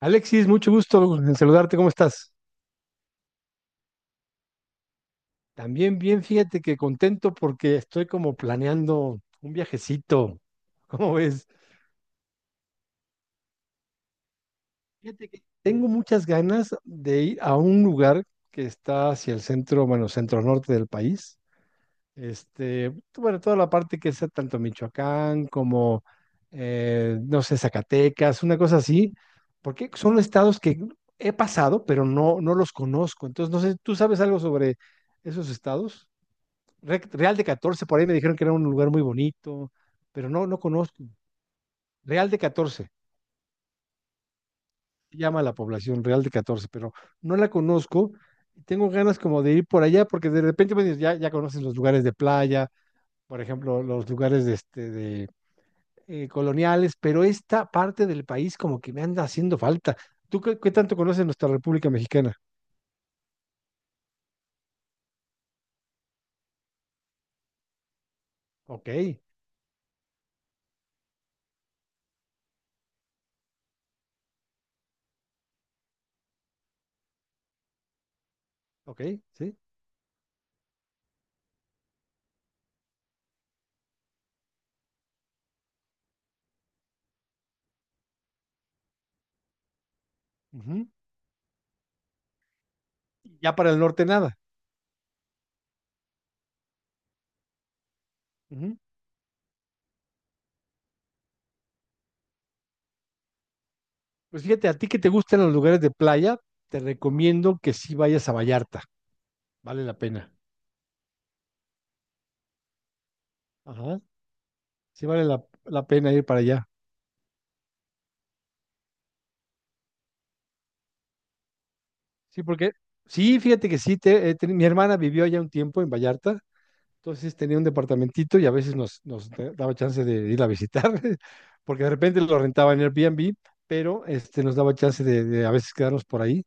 Alexis, mucho gusto en saludarte, ¿cómo estás? También bien, fíjate que contento porque estoy como planeando un viajecito. ¿Cómo ves? Fíjate que tengo muchas ganas de ir a un lugar que está hacia el centro, bueno, centro norte del país. Este, bueno, toda la parte que es tanto Michoacán como, no sé, Zacatecas, una cosa así, porque son estados que he pasado, pero no los conozco. Entonces, no sé, ¿tú sabes algo sobre esos estados? Real de Catorce por ahí me dijeron que era un lugar muy bonito, pero no conozco. Real de Catorce se llama la población Real de Catorce, pero no la conozco. Tengo ganas como de ir por allá porque de repente me dices, ya, ya conoces los lugares de playa, por ejemplo, los lugares de, este, de coloniales, pero esta parte del país como que me anda haciendo falta. ¿Tú qué, tanto conoces nuestra República Mexicana? Ok, ok, sí. Ujú. Ya para el norte nada. Pues fíjate, a ti que te gustan los lugares de playa, te recomiendo que sí vayas a Vallarta. Vale la pena. Ajá. Sí vale la pena ir para allá. Sí, porque sí, fíjate que sí, mi hermana vivió allá un tiempo en Vallarta, entonces tenía un departamentito y a veces nos daba chance de ir a visitar, porque de repente lo rentaba en Airbnb, pero este, nos daba chance de, a veces quedarnos por ahí.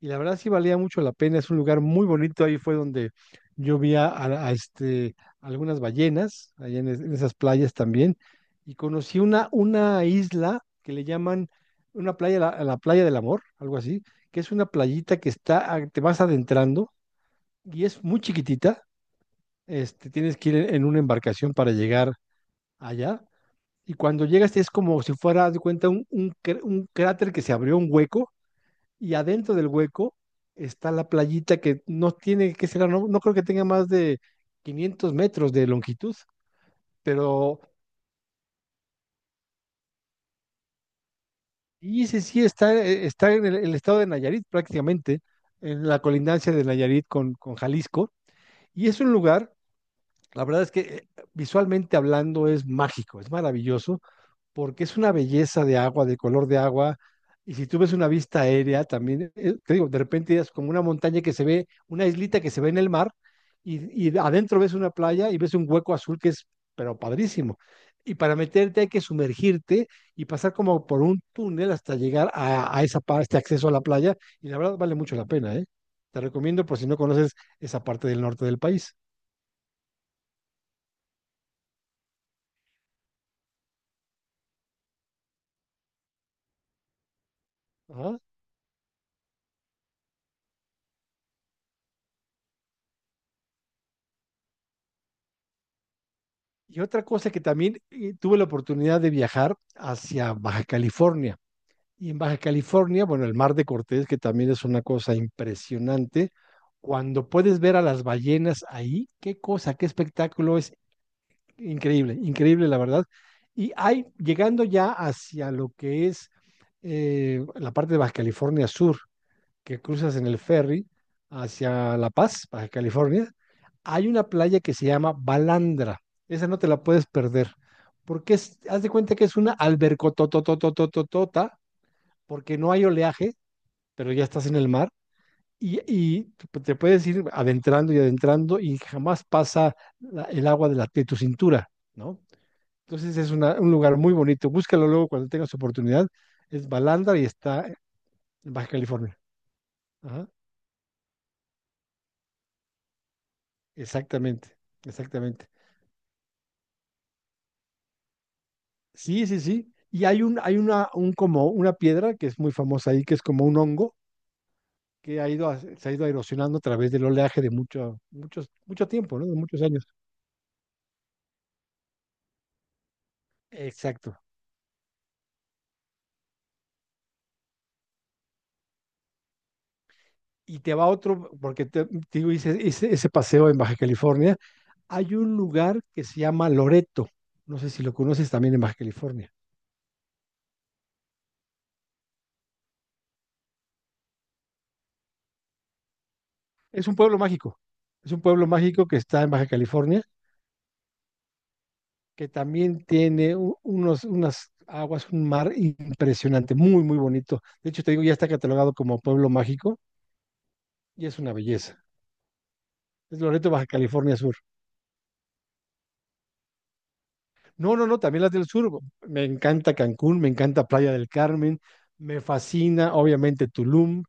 Y la verdad sí valía mucho la pena, es un lugar muy bonito. Ahí fue donde yo vi a este, algunas ballenas, allá en esas playas también, y conocí una isla que le llaman una playa, la playa del amor, algo así, que es una playita que está, te vas adentrando y es muy chiquitita. Este, tienes que ir en una embarcación para llegar allá, y cuando llegas es como si fuera, haz de cuenta, un cráter que se abrió un hueco, y adentro del hueco está la playita que no tiene que ser, no creo que tenga más de 500 metros de longitud, pero sí, sí está, está en el estado de Nayarit prácticamente, en la colindancia de Nayarit con Jalisco, y es un lugar, la verdad es que visualmente hablando es mágico, es maravilloso, porque es una belleza de agua, de color de agua. Y si tú ves una vista aérea, también, te digo, de repente es como una montaña que se ve, una islita que se ve en el mar, y adentro ves una playa y ves un hueco azul que es, pero padrísimo. Y para meterte hay que sumergirte y pasar como por un túnel hasta llegar a esa parte, este acceso a la playa, y la verdad vale mucho la pena, ¿eh? Te recomiendo por si no conoces esa parte del norte del país. Ajá. Y otra cosa que también, tuve la oportunidad de viajar hacia Baja California. Y en Baja California, bueno, el Mar de Cortés, que también es una cosa impresionante, cuando puedes ver a las ballenas ahí, qué cosa, qué espectáculo, es increíble, increíble la verdad. Y hay, llegando ya hacia lo que es, la parte de Baja California Sur, que cruzas en el ferry hacia La Paz, Baja California, hay una playa que se llama Balandra. Esa no te la puedes perder, porque es, haz de cuenta que es una albercotototototota, porque no hay oleaje, pero ya estás en el mar, y te puedes ir adentrando y adentrando y jamás pasa el agua de tu cintura, ¿no? Entonces es un lugar muy bonito. Búscalo luego cuando tengas oportunidad. Es Balandra y está en Baja California. Ajá, exactamente, exactamente. Sí, sí, sí. Y hay un, hay una, un como una piedra que es muy famosa ahí, que es como un hongo que se ha ido erosionando a través del oleaje de mucho, muchos, mucho tiempo, ¿no? De muchos años. Exacto. Y te va otro, porque te digo, hice ese paseo en Baja California. Hay un lugar que se llama Loreto, no sé si lo conoces también en Baja California. Es un pueblo mágico, es un pueblo mágico que está en Baja California, que también tiene unas aguas, un mar impresionante, muy, muy bonito. De hecho, te digo, ya está catalogado como pueblo mágico y es una belleza. Es Loreto, Baja California Sur. No, no, no, también las del sur. Me encanta Cancún, me encanta Playa del Carmen, me fascina, obviamente, Tulum,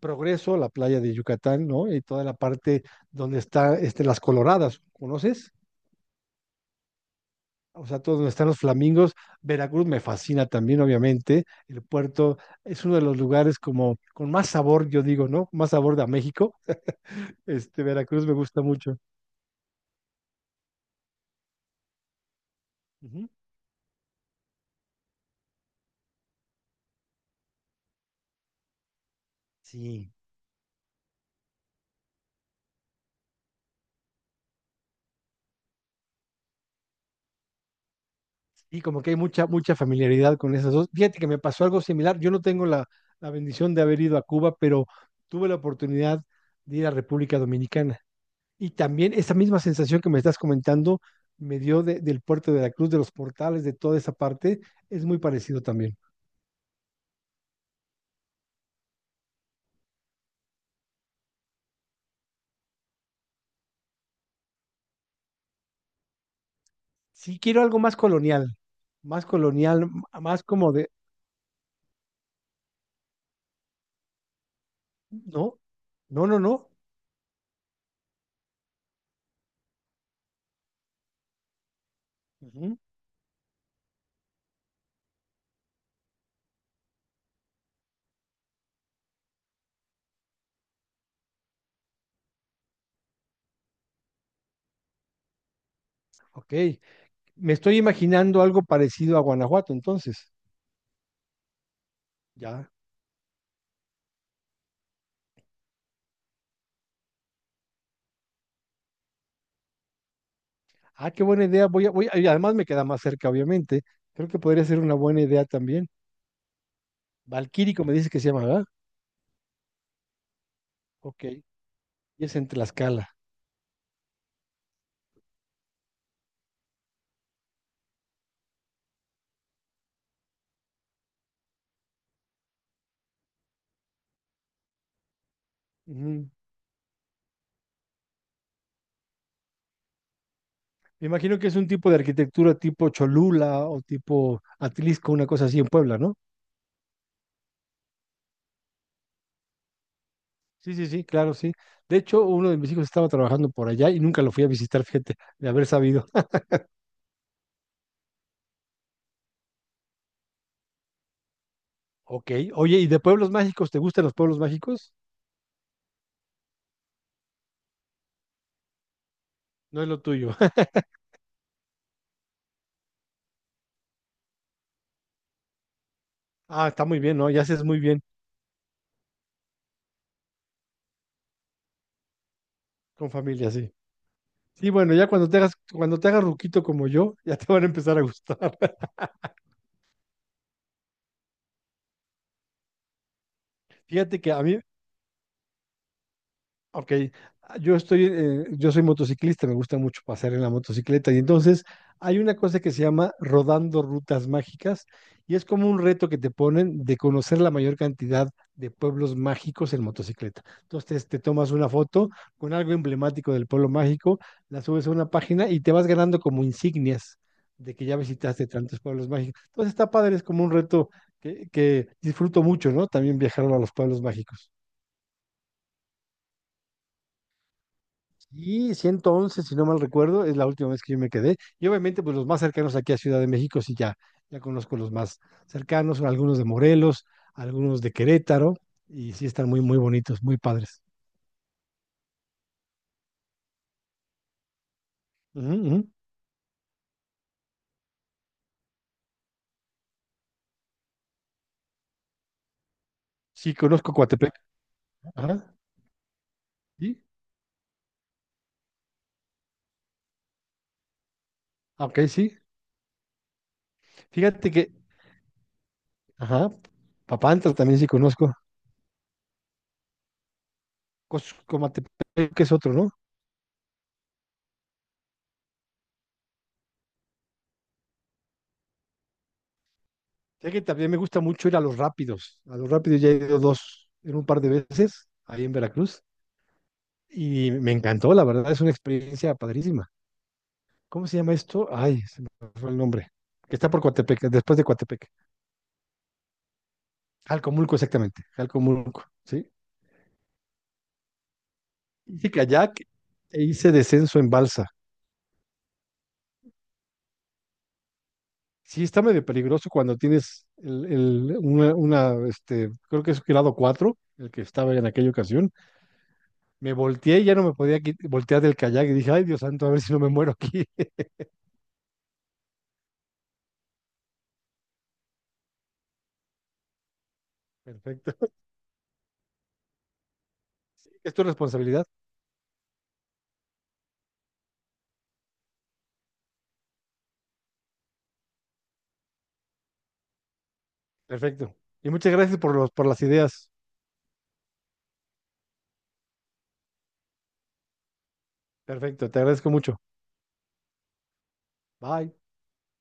Progreso, la playa de Yucatán, ¿no? Y toda la parte donde está este, las Coloradas, ¿conoces? O sea, todo donde están los flamingos. Veracruz me fascina también, obviamente. El puerto es uno de los lugares como con más sabor, yo digo, ¿no? Más sabor de a México. Este, Veracruz me gusta mucho. Ujú. Sí, y como que hay mucha, mucha familiaridad con esas dos. Fíjate que me pasó algo similar. Yo no tengo la bendición de haber ido a Cuba, pero tuve la oportunidad de ir a República Dominicana. Y también esa misma sensación que me estás comentando me dio del puerto de la Cruz, de los portales, de toda esa parte, es muy parecido también. Sí quiero algo más colonial, más colonial, más como de, no, no, no, no. Ujú, ok, me estoy imaginando algo parecido a Guanajuato, entonces, ya. Ah, qué buena idea, y además me queda más cerca, obviamente. Creo que podría ser una buena idea también. Valquírico me dice que se llama, ¿verdad? Ok, y es en Tlaxcala. Ujú. Me imagino que es un tipo de arquitectura tipo Cholula o tipo Atlisco, una cosa así en Puebla, ¿no? Sí, sí, sí, claro, sí. De hecho, uno de mis hijos estaba trabajando por allá y nunca lo fui a visitar, fíjate, de haber sabido. Ok, oye, ¿y de pueblos mágicos? ¿Te gustan los pueblos mágicos? No es lo tuyo. Ah, está muy bien, ¿no? Ya haces muy bien con familia, sí. Sí, bueno, ya cuando te hagas ruquito como yo, ya te van a empezar a gustar. Fíjate que a mí, ok, ah, yo soy motociclista, me gusta mucho pasear en la motocicleta y entonces hay una cosa que se llama rodando rutas mágicas y es como un reto que te ponen de conocer la mayor cantidad de pueblos mágicos en motocicleta. Entonces tomas una foto con algo emblemático del pueblo mágico, la subes a una página y te vas ganando como insignias de que ya visitaste tantos pueblos mágicos. Entonces está padre, es como un reto que disfruto mucho, ¿no? También viajar a los pueblos mágicos. Y 111 si no mal recuerdo, es la última vez que yo me quedé. Y obviamente, pues los más cercanos aquí a Ciudad de México, sí, ya, ya conozco los más cercanos, algunos de Morelos, algunos de Querétaro, y sí están muy, muy bonitos, muy padres. Ujú, ujú. Sí, conozco Coatepec. Ajá, sí. Ah, ok, sí. Fíjate que, ajá, Papantla también sí conozco. Comatepec, que es otro, ¿no? Sé que también me gusta mucho ir a los rápidos. A los rápidos ya he ido dos, en un par de veces, ahí en Veracruz. Y me encantó, la verdad, es una experiencia padrísima. ¿Cómo se llama esto? Ay, se me fue el nombre. Que está por Coatepec, después de Coatepec. Jalcomulco, exactamente. Jalcomulco, ¿sí? Hice kayak e hice descenso en balsa. Sí, está medio peligroso cuando tienes una, este, creo que es grado 4 el que estaba en aquella ocasión. Me volteé y ya no me podía voltear del kayak y dije, ay, Dios santo, a ver si no me muero aquí. Perfecto. ¿Es tu responsabilidad? Perfecto. Y muchas gracias por los, por las ideas. Perfecto, te agradezco mucho. Bye.